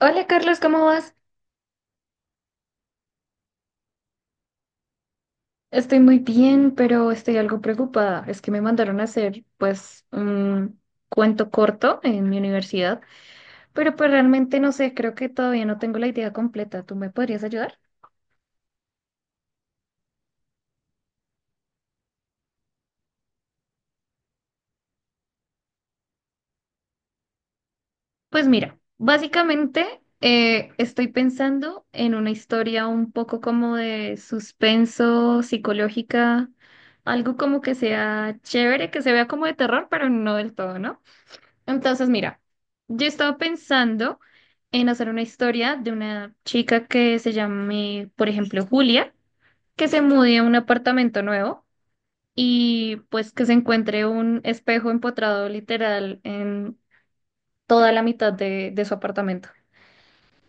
Hola Carlos, ¿cómo vas? Estoy muy bien, pero estoy algo preocupada. Es que me mandaron a hacer pues un cuento corto en mi universidad, pero pues realmente no sé, creo que todavía no tengo la idea completa. ¿Tú me podrías ayudar? Pues mira, básicamente estoy pensando en una historia un poco como de suspenso, psicológica, algo como que sea chévere, que se vea como de terror, pero no del todo, ¿no? Entonces, mira, yo estaba pensando en hacer una historia de una chica que se llame, por ejemplo, Julia, que se mude a un apartamento nuevo y pues que se encuentre un espejo empotrado literal en toda la mitad de su apartamento,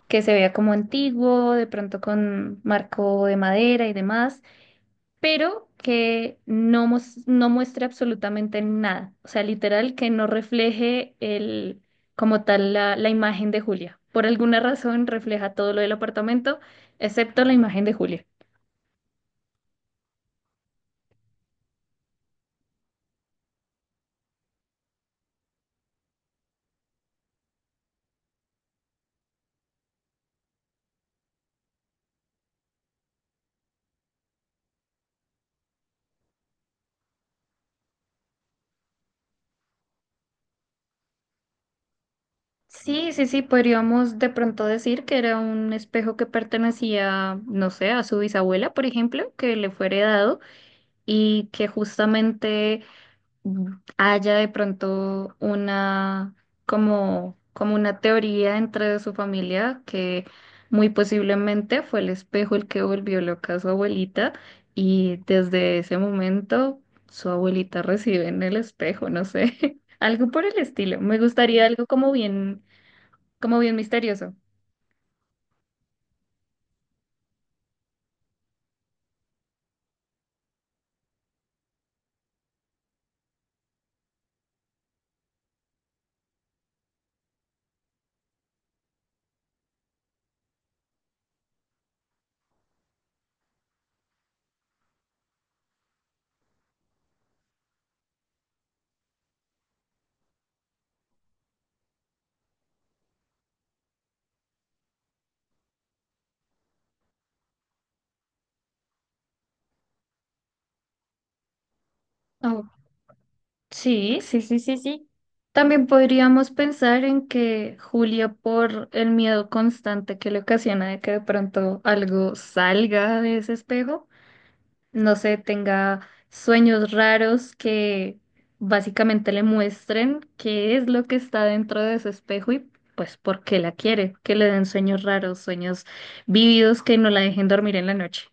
que se vea como antiguo, de pronto con marco de madera y demás, pero que no, no muestre absolutamente nada. O sea, literal, que no refleje el, como tal la imagen de Julia. Por alguna razón refleja todo lo del apartamento, excepto la imagen de Julia. Sí, sí, sí, podríamos de pronto decir que era un espejo que pertenecía, no sé, a su bisabuela, por ejemplo, que le fue heredado y que justamente haya de pronto como, como una teoría dentro de su familia que muy posiblemente fue el espejo el que volvió loca a su abuelita y desde ese momento su abuelita recibe en el espejo, no sé, algo por el estilo. Me gustaría algo como bien misterioso. Sí, sí, sí, sí, sí. También podríamos pensar en que Julia, por el miedo constante que le ocasiona de que de pronto algo salga de ese espejo, no sé, tenga sueños raros que básicamente le muestren qué es lo que está dentro de ese espejo y pues por qué la quiere, que le den sueños raros, sueños vívidos que no la dejen dormir en la noche.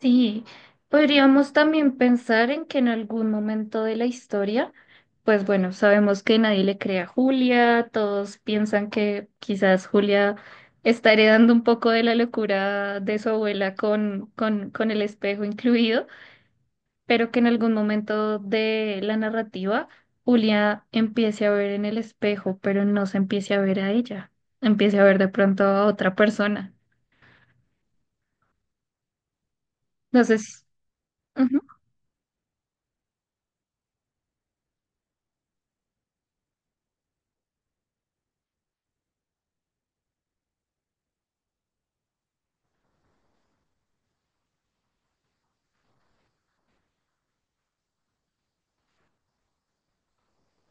Sí, podríamos también pensar en que en algún momento de la historia, pues bueno, sabemos que nadie le cree a Julia, todos piensan que quizás Julia está heredando un poco de la locura de su abuela con el espejo incluido, pero que en algún momento de la narrativa Julia empiece a ver en el espejo, pero no se empiece a ver a ella, empiece a ver de pronto a otra persona. Entonces,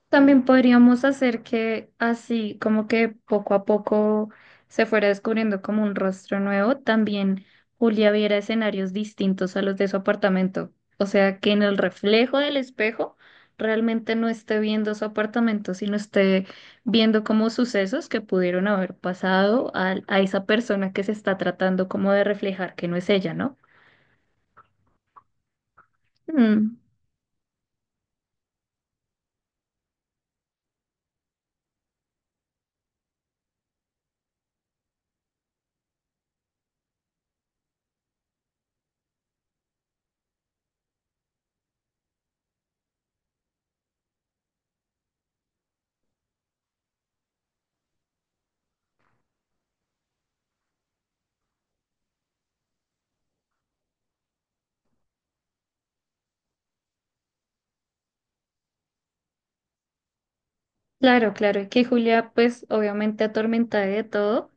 También podríamos hacer que así, como que poco a poco se fuera descubriendo como un rostro nuevo, también Julia viera escenarios distintos a los de su apartamento. O sea, que en el reflejo del espejo realmente no esté viendo su apartamento, sino esté viendo como sucesos que pudieron haber pasado a esa persona que se está tratando como de reflejar que no es ella, ¿no? Mm. Claro, claro, y que Julia, pues obviamente atormentada de todo,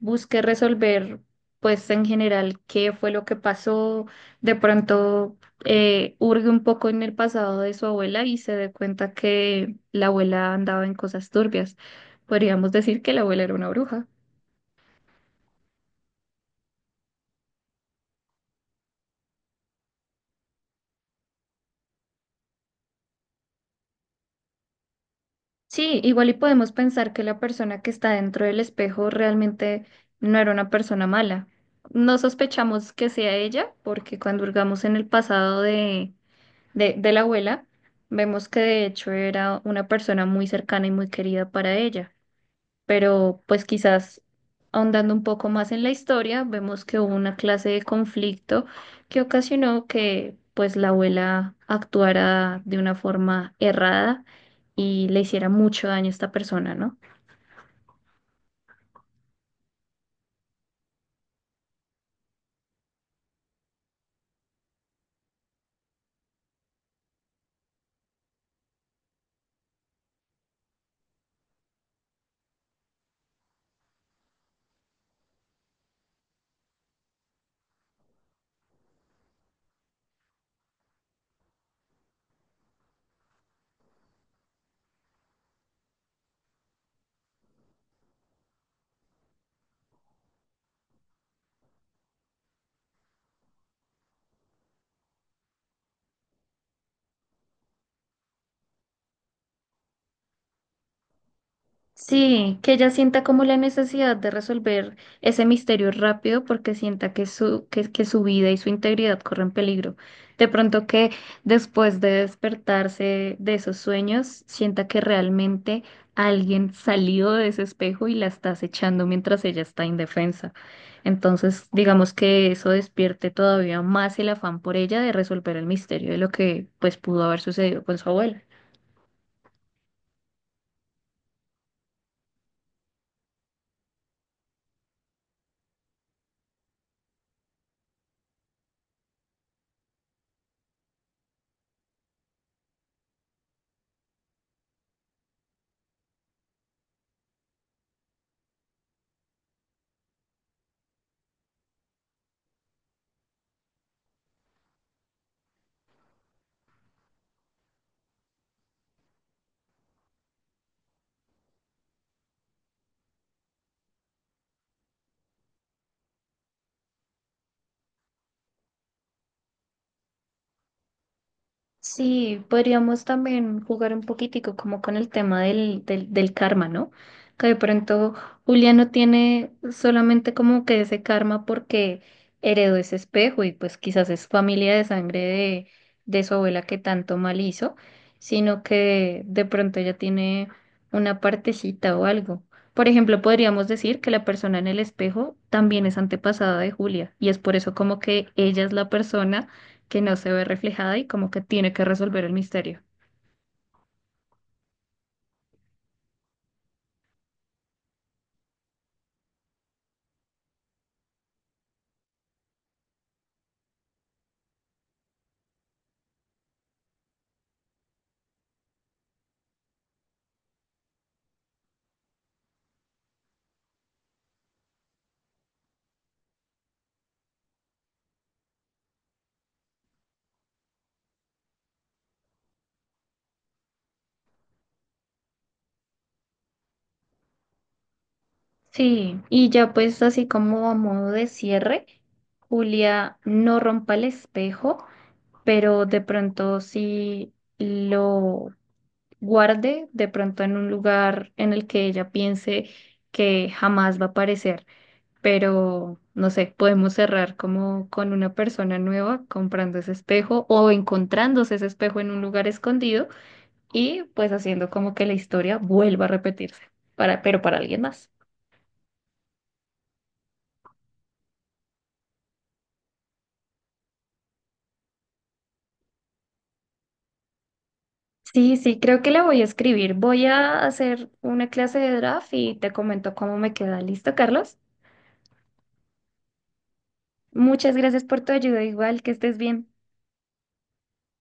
busque resolver, pues en general, qué fue lo que pasó, de pronto hurgue un poco en el pasado de su abuela y se dé cuenta que la abuela andaba en cosas turbias. Podríamos decir que la abuela era una bruja. Sí, igual y podemos pensar que la persona que está dentro del espejo realmente no era una persona mala. No sospechamos que sea ella, porque cuando hurgamos en el pasado de la abuela, vemos que de hecho era una persona muy cercana y muy querida para ella. Pero pues quizás ahondando un poco más en la historia, vemos que hubo una clase de conflicto que ocasionó que pues la abuela actuara de una forma errada y le hiciera mucho daño a esta persona, ¿no? Sí, que ella sienta como la necesidad de resolver ese misterio rápido porque sienta que su vida y su integridad corren peligro. De pronto que después de despertarse de esos sueños, sienta que realmente alguien salió de ese espejo y la está acechando mientras ella está indefensa. Entonces, digamos que eso despierte todavía más el afán por ella de resolver el misterio de lo que pues pudo haber sucedido con su abuela. Sí, podríamos también jugar un poquitico como con el tema del karma, ¿no? Que de pronto Julia no tiene solamente como que ese karma porque heredó ese espejo y pues quizás es familia de sangre de su abuela que tanto mal hizo, sino que de pronto ella tiene una partecita o algo. Por ejemplo, podríamos decir que la persona en el espejo también es antepasada de Julia y es por eso como que ella es la persona que no se ve reflejada y como que tiene que resolver el misterio. Sí, y ya pues así como a modo de cierre, Julia no rompa el espejo, pero de pronto sí lo guarde, de pronto en un lugar en el que ella piense que jamás va a aparecer, pero no sé, podemos cerrar como con una persona nueva comprando ese espejo o encontrándose ese espejo en un lugar escondido y pues haciendo como que la historia vuelva a repetirse, para, pero para alguien más. Sí, sí, creo que la voy a escribir. Voy a hacer una clase de draft y te comento cómo me queda. ¿Listo, Carlos? Muchas gracias por tu ayuda, igual que estés bien.